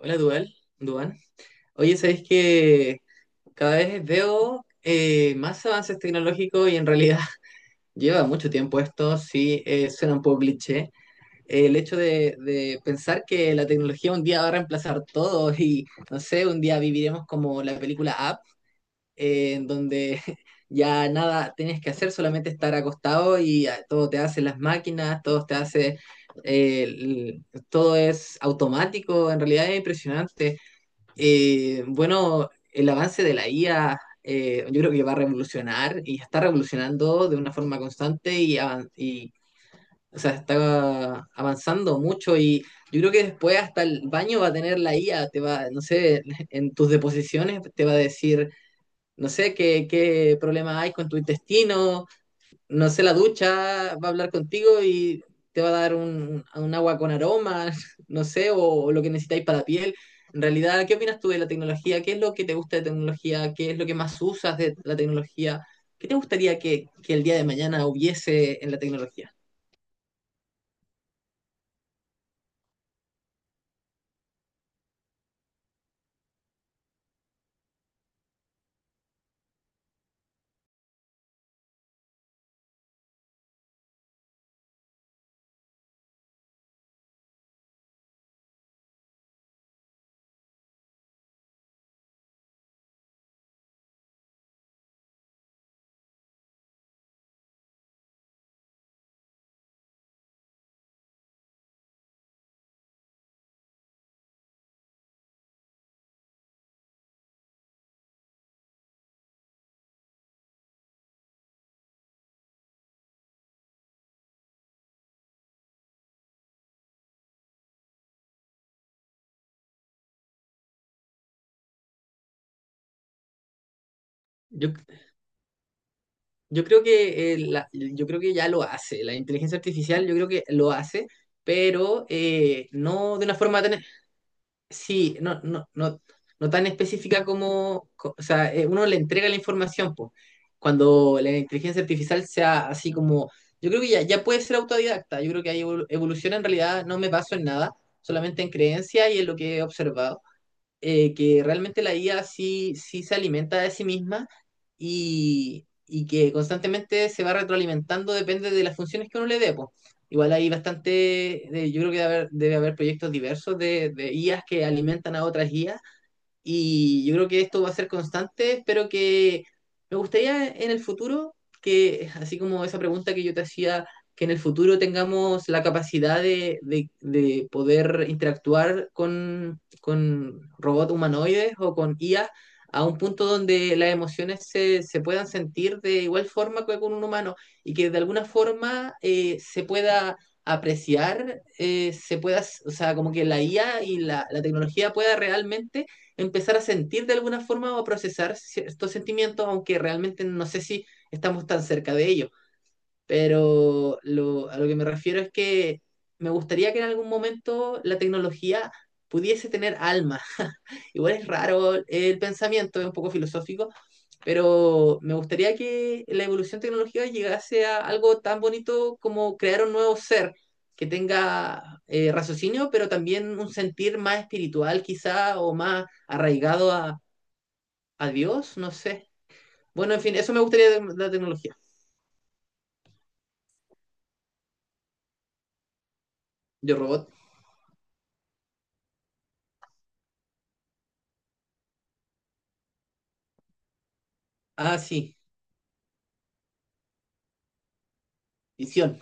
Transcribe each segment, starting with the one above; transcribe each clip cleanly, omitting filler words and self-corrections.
Hola, Dual, Duan. Oye, ¿sabes que cada vez veo más avances tecnológicos y en realidad lleva mucho tiempo esto, sí, suena un poco cliché. El hecho de pensar que la tecnología un día va a reemplazar todo y, no sé, un día viviremos como la película Up, en donde ya nada tienes que hacer, solamente estar acostado y ah, todo te hace las máquinas, todo te hace, eh, el- todo es automático, en realidad es impresionante. Bueno, el avance de la IA yo creo que va a revolucionar y está revolucionando de una forma constante y o sea, está avanzando mucho y yo creo que después hasta el baño va a tener la IA, te va, no sé, en tus deposiciones te va a decir, no sé, qué problema hay con tu intestino, no sé, la ducha va a hablar contigo y te va a dar un agua con aroma, no sé, o lo que necesitáis para la piel. En realidad, ¿qué opinas tú de la tecnología? ¿Qué es lo que te gusta de tecnología? ¿Qué es lo que más usas de la tecnología? ¿Qué te gustaría que el día de mañana hubiese en la tecnología? Yo, yo creo que, yo creo que ya lo hace. La inteligencia artificial yo creo que lo hace, pero no de una forma tan sí, no, no, no, no tan específica o sea, uno le entrega la información, pues. Cuando la inteligencia artificial sea así como, yo creo que ya, ya puede ser autodidacta, yo creo que ahí evoluciona en realidad, no me baso en nada, solamente en creencia y en lo que he observado que realmente la IA sí, sí se alimenta de sí misma y que constantemente se va retroalimentando, depende de las funciones que uno le dé, po. Igual hay bastante, yo creo que debe haber proyectos diversos de IAs que alimentan a otras IAs y yo creo que esto va a ser constante. Espero que me gustaría en el futuro que, así como esa pregunta que yo te hacía, que en el futuro tengamos la capacidad de poder interactuar con robots humanoides o con IA a un punto donde las emociones se puedan sentir de igual forma que con un humano y que de alguna forma se pueda apreciar, se pueda, o sea, como que la IA y la tecnología pueda realmente empezar a sentir de alguna forma o a procesar estos sentimientos, aunque realmente no sé si estamos tan cerca de ellos. Pero lo, a lo que me refiero es que me gustaría que en algún momento la tecnología pudiese tener alma. Igual es raro el pensamiento, es un poco filosófico, pero me gustaría que la evolución tecnológica llegase a algo tan bonito como crear un nuevo ser que tenga raciocinio, pero también un sentir más espiritual quizá o más arraigado a Dios, no sé. Bueno, en fin, eso me gustaría de la tecnología. Yo robot. Ah, sí, visión.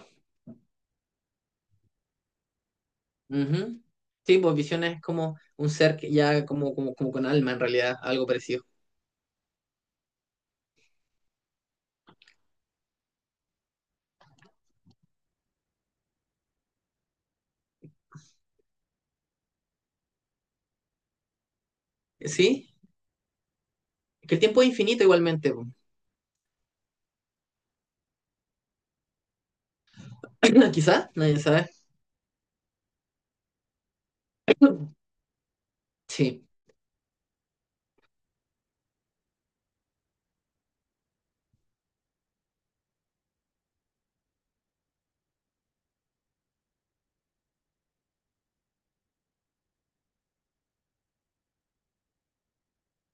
Ujú. Sí, pues visión es como un ser que ya como, como, como con alma en realidad, algo parecido. Sí, que el tiempo es infinito igualmente, po. Quizá, nadie sabe. Sí.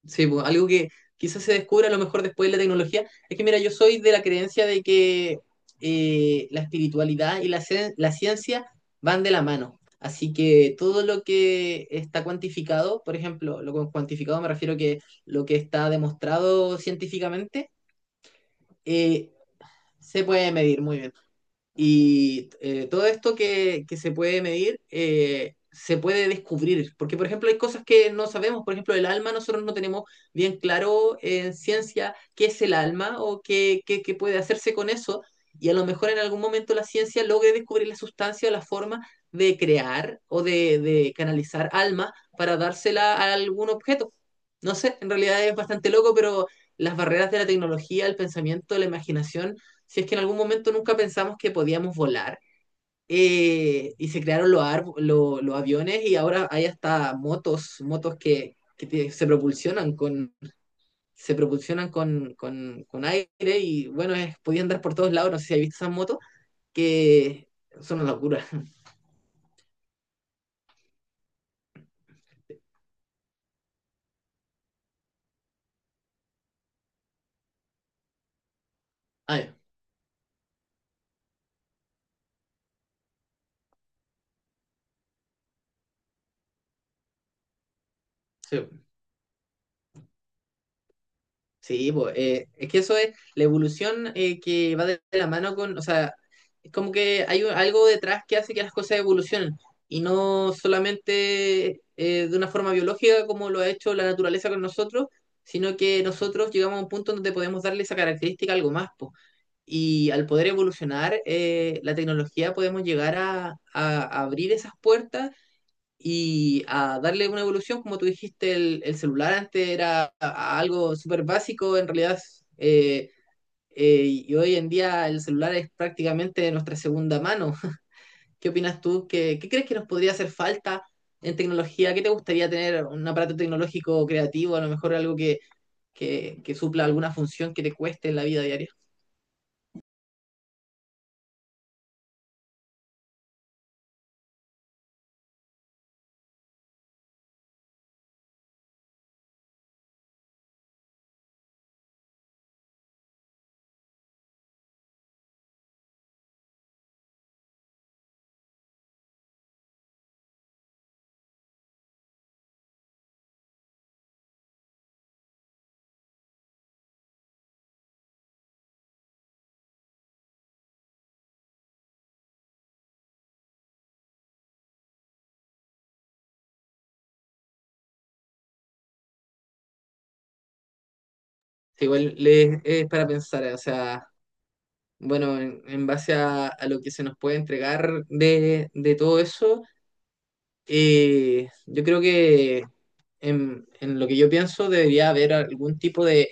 Sí, pues, algo que quizás se descubra a lo mejor después de la tecnología. Es que, mira, yo soy de la creencia de que la espiritualidad y la, la ciencia van de la mano. Así que todo lo que está cuantificado, por ejemplo, lo con cuantificado me refiero que lo que está demostrado científicamente, eh, se puede medir muy bien. Y todo esto que se puede medir se puede descubrir, porque por ejemplo hay cosas que no sabemos, por ejemplo el alma, nosotros no tenemos bien claro en ciencia qué es el alma o qué, qué puede hacerse con eso, y a lo mejor en algún momento la ciencia logre descubrir la sustancia o la forma de crear o de canalizar alma para dársela a algún objeto. No sé, en realidad es bastante loco, pero las barreras de la tecnología, el pensamiento, la imaginación si es que en algún momento nunca pensamos que podíamos volar. Y se crearon los, los aviones y ahora hay hasta motos, motos que se propulsionan con, se propulsionan con aire y bueno, es, podía andar por todos lados, no sé si has visto esas motos, que son una locura. Ay, sí. Sí, pues, es que eso es la evolución que va de la mano con, o sea, es como que hay algo detrás que hace que las cosas evolucionen y no solamente de una forma biológica como lo ha hecho la naturaleza con nosotros, sino que nosotros llegamos a un punto donde podemos darle esa característica a algo más, po. Y al poder evolucionar la tecnología podemos llegar a abrir esas puertas y a darle una evolución, como tú dijiste, el celular antes era a algo súper básico, en realidad, eh, y hoy en día el celular es prácticamente nuestra segunda mano. ¿Qué opinas tú? ¿Qué, qué crees que nos podría hacer falta en tecnología? ¿Qué te gustaría tener? ¿Un aparato tecnológico creativo? A lo mejor algo que supla alguna función que te cueste en la vida diaria. Sí, igual es para pensar, o sea, bueno, en base a lo que se nos puede entregar de todo eso. Yo creo que en lo que yo pienso debería haber algún tipo de,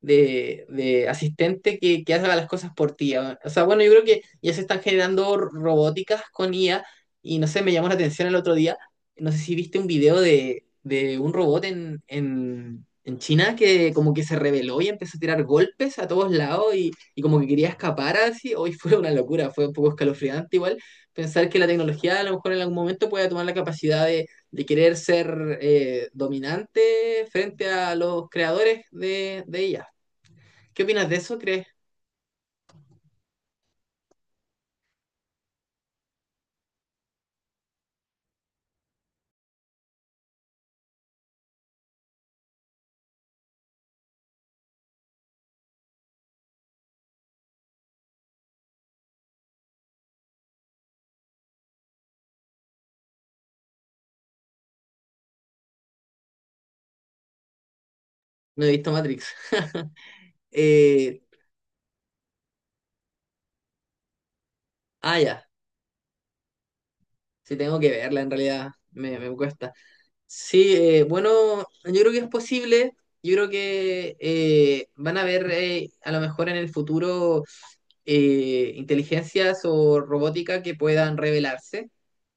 de, de asistente que haga las cosas por ti. Ah, o sea, bueno, yo creo que ya se están generando robóticas con IA y no sé, me llamó la atención el otro día, no sé si viste un video de un robot en China que como que se rebeló y empezó a tirar golpes a todos lados y como que quería escapar así. Hoy fue una locura, fue un poco escalofriante igual pensar que la tecnología a lo mejor en algún momento pueda tomar la capacidad de querer ser dominante frente a los creadores de ella. ¿Qué opinas de eso, crees? No he visto Matrix. Eh, ah, ya, sí tengo que verla en realidad, me cuesta. Sí, bueno, yo creo que es posible. Yo creo que van a haber a lo mejor en el futuro inteligencias o robótica que puedan revelarse,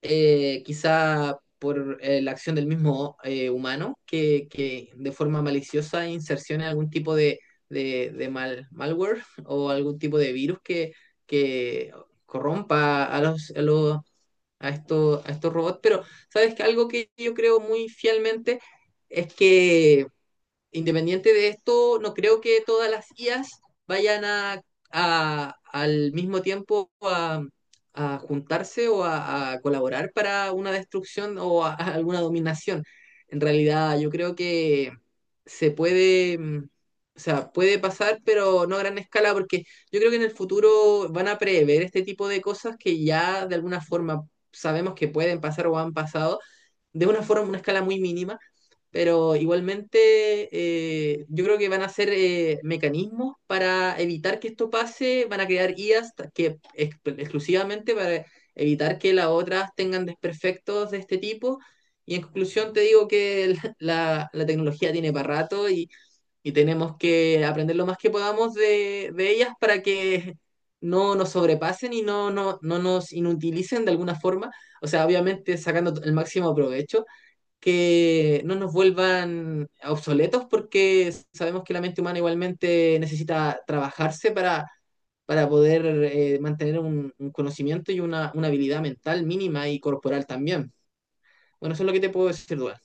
quizá por la acción del mismo humano, que de forma maliciosa insercione algún tipo de mal, malware o algún tipo de virus que corrompa a los a estos robots, pero sabes que algo que yo creo muy fielmente es que independiente de esto, no creo que todas las IAs vayan al mismo tiempo a juntarse o a colaborar para una destrucción o a alguna dominación. En realidad, yo creo que se puede, mm, o sea, puede pasar, pero no a gran escala, porque yo creo que en el futuro van a prever este tipo de cosas que ya de alguna forma sabemos que pueden pasar o han pasado, de una forma, una escala muy mínima pero igualmente yo creo que van a ser mecanismos para evitar que esto pase, van a crear IAs exclusivamente para evitar que las otras tengan desperfectos de este tipo. Y en conclusión te digo que la tecnología tiene para rato y tenemos que aprender lo más que podamos de ellas para que no nos sobrepasen y no, no, no nos inutilicen de alguna forma. O sea, obviamente sacando el máximo provecho que no nos vuelvan obsoletos porque sabemos que la mente humana igualmente necesita trabajarse para poder mantener un conocimiento y una habilidad mental mínima y corporal también. Bueno, eso es lo que te puedo decir, Duan.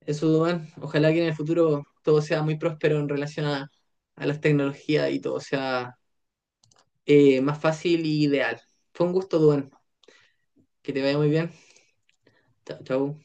Eso, Duan, ojalá que en el futuro todo sea muy próspero en relación a las tecnologías y todo sea más fácil y ideal. Fue un gusto, Duan. Que te vaya muy bien. Chao, chao.